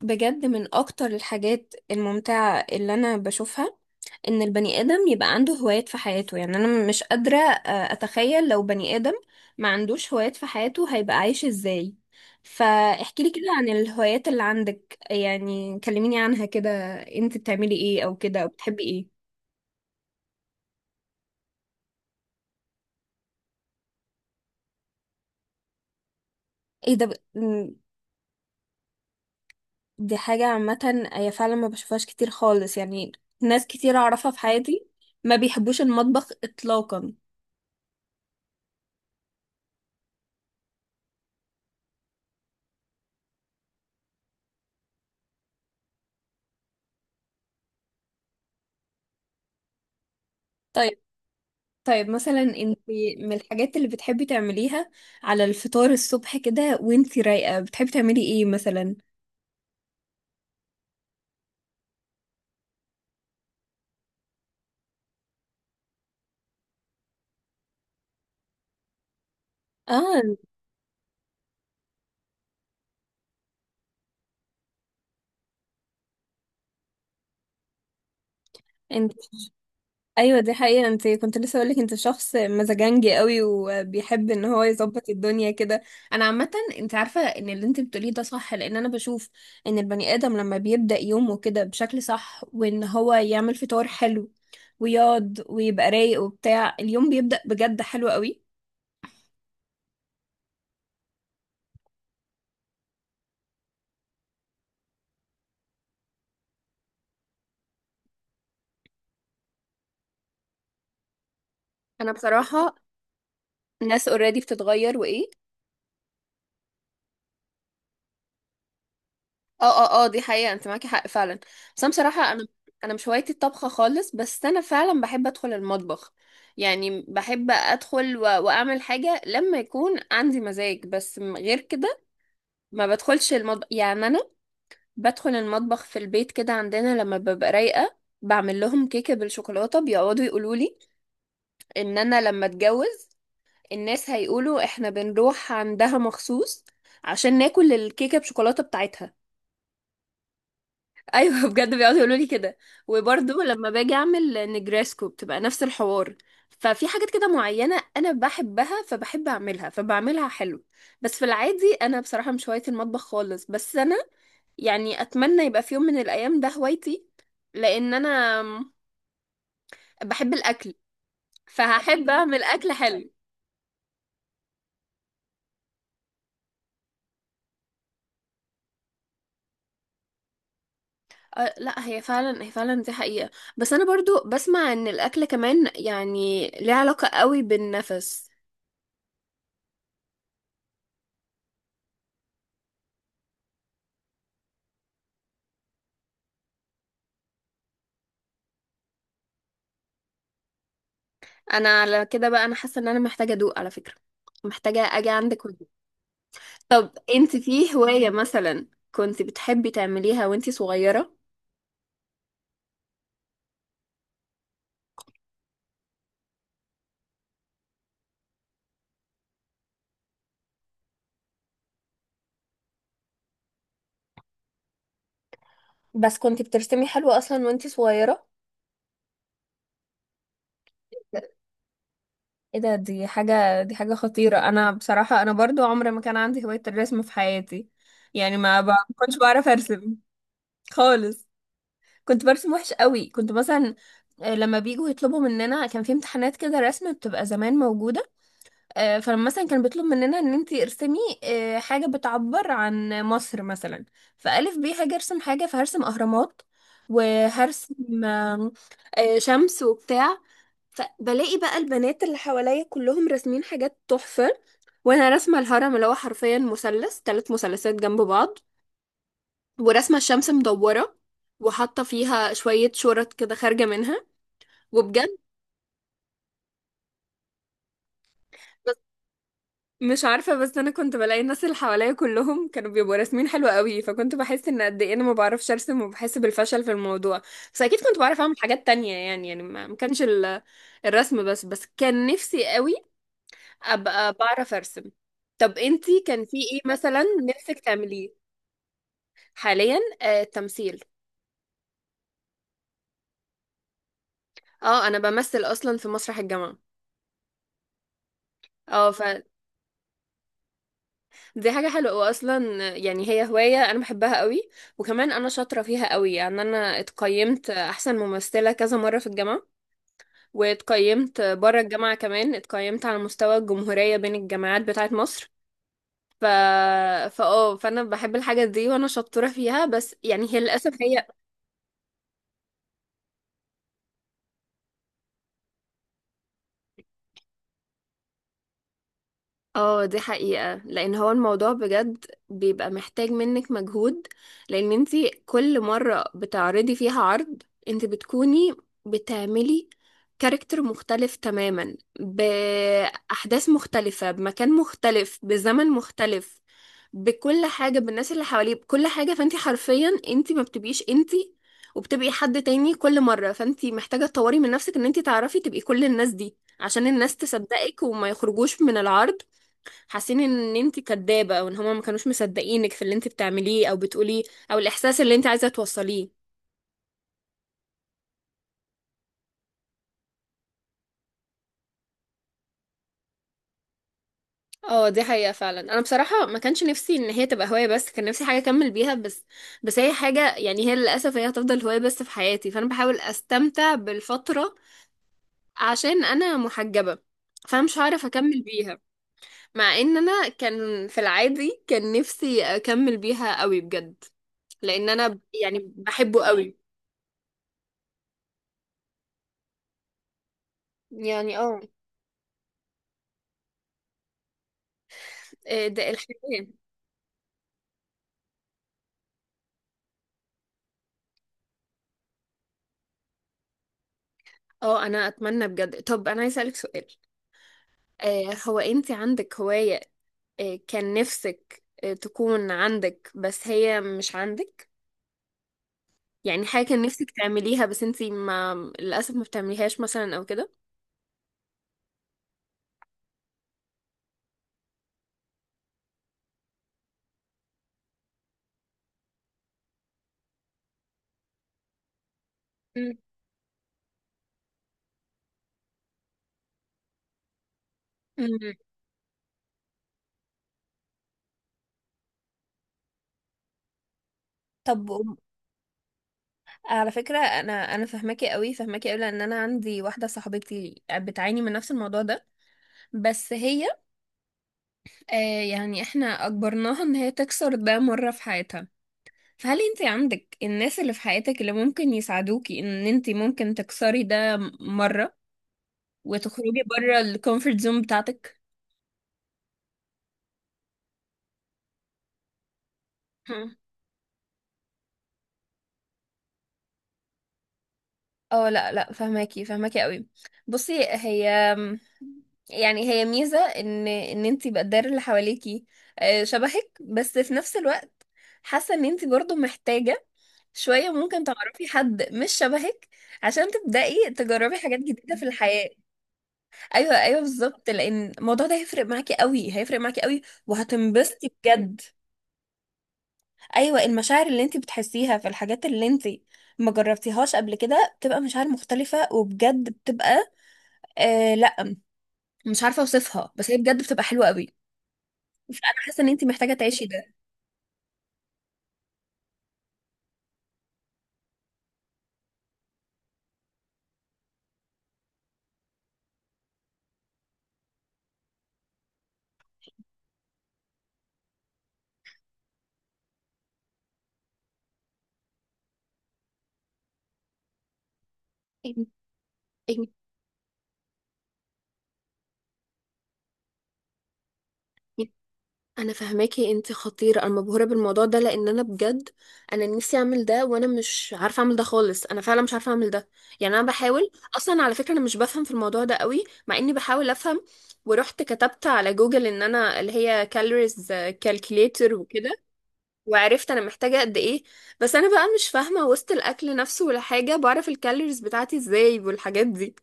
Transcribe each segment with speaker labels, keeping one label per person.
Speaker 1: بجد من اكتر الحاجات الممتعة اللي انا بشوفها ان البني ادم يبقى عنده هوايات في حياته. يعني انا مش قادرة اتخيل لو بني ادم ما عندوش هوايات في حياته هيبقى عايش ازاي؟ فاحكي لي كده عن الهوايات اللي عندك، يعني كلميني عنها كده، انت بتعملي ايه او كده او بتحبي ايه؟ ايه ده م- دي حاجة عامة، هي فعلا ما بشوفهاش كتير خالص يعني. ناس كتير اعرفها في حياتي ما بيحبوش المطبخ اطلاقا. طيب، طيب مثلا انت من الحاجات اللي بتحبي تعمليها على الفطار الصبح كده وانت رايقة بتحبي تعملي ايه مثلا؟ اه انت ايوه دي حقيقة، انت كنت لسه اقولك انت شخص مزاجنجي قوي وبيحب ان هو يظبط الدنيا كده. انا عامة، انت عارفة ان اللي انت بتقوليه ده صح لان انا بشوف ان البني ادم لما بيبدأ يومه كده بشكل صح وان هو يعمل فطار حلو ويقعد ويبقى رايق وبتاع اليوم بيبدأ بجد حلو قوي. انا بصراحة، ناس اوريدي بتتغير وايه؟ اه، اه، اه، دي حقيقة، انت معاكي حق فعلا. بس انا بصراحة انا مش هوايتي الطبخة خالص، بس انا فعلا بحب ادخل المطبخ. يعني بحب ادخل واعمل حاجة لما يكون عندي مزاج، بس غير كده ما بدخلش المطبخ. يعني انا بدخل المطبخ في البيت كده عندنا لما ببقى رايقة، بعمل لهم كيكة بالشوكولاتة، بيقعدوا يقولوا لي ان انا لما اتجوز الناس هيقولوا احنا بنروح عندها مخصوص عشان ناكل الكيكة بشوكولاتة بتاعتها. ايوه بجد بيقعدوا يقولوا لي كده. وبرضه لما باجي اعمل نجريسكو بتبقى نفس الحوار. ففي حاجات كده معينه انا بحبها فبحب اعملها فبعملها حلو. بس في العادي انا بصراحه مش هوايه المطبخ خالص، بس انا يعني اتمنى يبقى في يوم من الايام ده هوايتي، لان انا بحب الاكل، فهحب اعمل اكل حلو. أه لا، هي فعلا هي فعلا دي حقيقه. بس انا برضو بسمع ان الاكل كمان يعني ليه علاقه قوي بالنفس. انا على كده بقى انا حاسه ان انا محتاجه ادوق على فكره، محتاجه اجي عندك وأدوق. طب انت في هوايه مثلا كنت بتحبي تعمليها وانت صغيره؟ بس كنت بترسمي حلو اصلا وانتي صغيرة. ايه ده، دي حاجة خطيرة. انا بصراحة انا برضو عمري ما كان عندي هواية الرسم في حياتي. يعني ما ما كنتش بعرف ارسم خالص. كنت برسم وحش قوي، كنت مثلا لما بيجوا يطلبوا مننا كان في امتحانات كده رسم بتبقى زمان موجودة. فلما مثلا كان بيطلب مننا ان انتي ارسمي حاجة بتعبر عن مصر مثلا، فألف بيه هاجي ارسم حاجة فهرسم اهرامات وهرسم آه، شمس وبتاع. فبلاقي بقى البنات اللي حواليا كلهم راسمين حاجات تحفة، وانا راسمة الهرم اللي هو حرفيا مثلث، ثلاث مثلثات جنب بعض، وراسمة الشمس مدورة وحاطة فيها شوية شورت كده خارجة منها، وبجد مش عارفة. بس أنا كنت بلاقي الناس اللي حواليا كلهم كانوا بيبقوا راسمين حلو قوي، فكنت بحس إن قد إيه أنا ما بعرفش أرسم وبحس بالفشل في الموضوع. بس أكيد كنت بعرف أعمل حاجات تانية، يعني ما كانش الرسم بس كان نفسي قوي أبقى بعرف أرسم. طب أنتي كان في إيه مثلا نفسك تعمليه حاليا؟ التمثيل. اه أنا بمثل أصلا في مسرح الجامعة. اه دي حاجة حلوة وأصلا يعني هي هواية أنا بحبها قوي، وكمان أنا شاطرة فيها قوي. يعني أنا اتقيمت أحسن ممثلة كذا مرة في الجامعة، واتقيمت بره الجامعة كمان، اتقيمت على مستوى الجمهورية بين الجامعات بتاعة مصر. ف فاه فأنا بحب الحاجة دي وأنا شاطرة فيها، بس يعني هي للأسف هي. اه دي حقيقة، لان هو الموضوع بجد بيبقى محتاج منك مجهود. لان انتي كل مرة بتعرضي فيها عرض انتي بتكوني بتعملي كاركتر مختلف تماما بأحداث مختلفة بمكان مختلف بزمن مختلف بكل حاجة، بالناس اللي حواليه بكل حاجة. فانتي حرفيا انتي ما بتبقيش انتي وبتبقي حد تاني كل مرة، فانتي محتاجة تطوري من نفسك ان انتي تعرفي تبقي كل الناس دي عشان الناس تصدقك وما يخرجوش من العرض حاسين ان انت كدابة او ان هما ما كانوش مصدقينك في اللي انت بتعمليه او بتقوليه او الاحساس اللي انت عايزة توصليه. اه دي حقيقة فعلا. انا بصراحة ما كانش نفسي ان هي تبقى هواية بس، كان نفسي حاجة اكمل بيها. بس بس هي حاجة يعني هي للاسف هي هتفضل هواية بس في حياتي، فانا بحاول استمتع بالفترة. عشان انا محجبة فمش هعرف اكمل بيها. مع ان انا كان في العادي كان نفسي اكمل بيها قوي بجد، لان انا يعني بحبه قوي. يعني اه ده الحياة. اه انا اتمنى بجد. طب انا عايزه اسالك سؤال، هو انت عندك هوايه كان نفسك تكون عندك بس هي مش عندك؟ يعني حاجه كان نفسك تعمليها بس انت ما للاسف ما بتعمليهاش مثلا او كده. مم. مم. طب على فكرة أنا فهماكي قوي فهماكي قوي لأن أنا عندي واحدة صاحبتي بتعاني من نفس الموضوع ده. بس هي آه يعني إحنا أجبرناها إن هي تكسر ده مرة في حياتها. هل انت عندك الناس اللي في حياتك اللي ممكن يساعدوكي ان انت ممكن تكسري ده مرة وتخرجي بره الكومفورت زون بتاعتك؟ هم. اه لا لا، فهماكي فهماكي قوي. بصي هي يعني هي ميزة ان انتي بقدر اللي حواليكي شبهك، بس في نفس الوقت حاسة ان انتي برضو محتاجة شوية ممكن تعرفي حد مش شبهك عشان تبدأي تجربي حاجات جديدة في الحياة. ايوه ايوه بالظبط، لان الموضوع ده هيفرق معاكي قوي هيفرق معاكي قوي وهتنبسطي بجد. ايوه المشاعر اللي انت بتحسيها في الحاجات اللي انت ما جربتيهاش قبل كده بتبقى مشاعر مختلفة، وبجد بتبقى لا مش عارفة اوصفها بس هي بجد بتبقى حلوة قوي. فانا حاسة ان انت محتاجة تعيشي ده. أيوة، أيوة. انا فاهماكي، انت خطيره، انا مبهوره بالموضوع ده لان انا بجد انا نفسي اعمل ده وانا مش عارفه اعمل ده خالص، انا فعلا مش عارفه اعمل ده. يعني انا بحاول اصلا، على فكره انا مش بفهم في الموضوع ده قوي مع اني بحاول افهم. ورحت كتبت على جوجل ان انا اللي هي كالوريز كالكوليتر وكده، وعرفت انا محتاجه قد ايه. بس انا بقى مش فاهمه وسط الاكل نفسه، ولا حاجه بعرف الكالوريز بتاعتي ازاي والحاجات دي.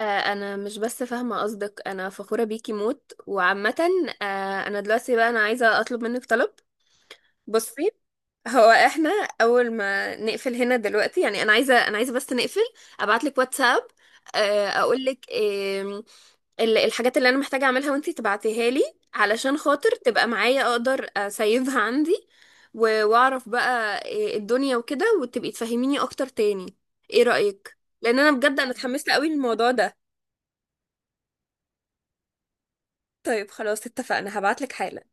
Speaker 1: انا مش بس فاهمه قصدك، انا فخوره بيكي موت وعامه. انا دلوقتي بقى انا عايزه اطلب منك طلب. بصي، هو احنا اول ما نقفل هنا دلوقتي، يعني انا عايزه انا عايزه بس نقفل ابعت لك واتساب اقول لك الحاجات اللي انا محتاجه اعملها وانتي تبعتيها لي علشان خاطر تبقى معايا اقدر اسيفها عندي. واعرف بقى الدنيا وكده وتبقي تفهميني اكتر تاني. ايه رايك؟ لان انا بجد انا اتحمست قوي للموضوع ده. طيب خلاص اتفقنا هبعتلك حالا.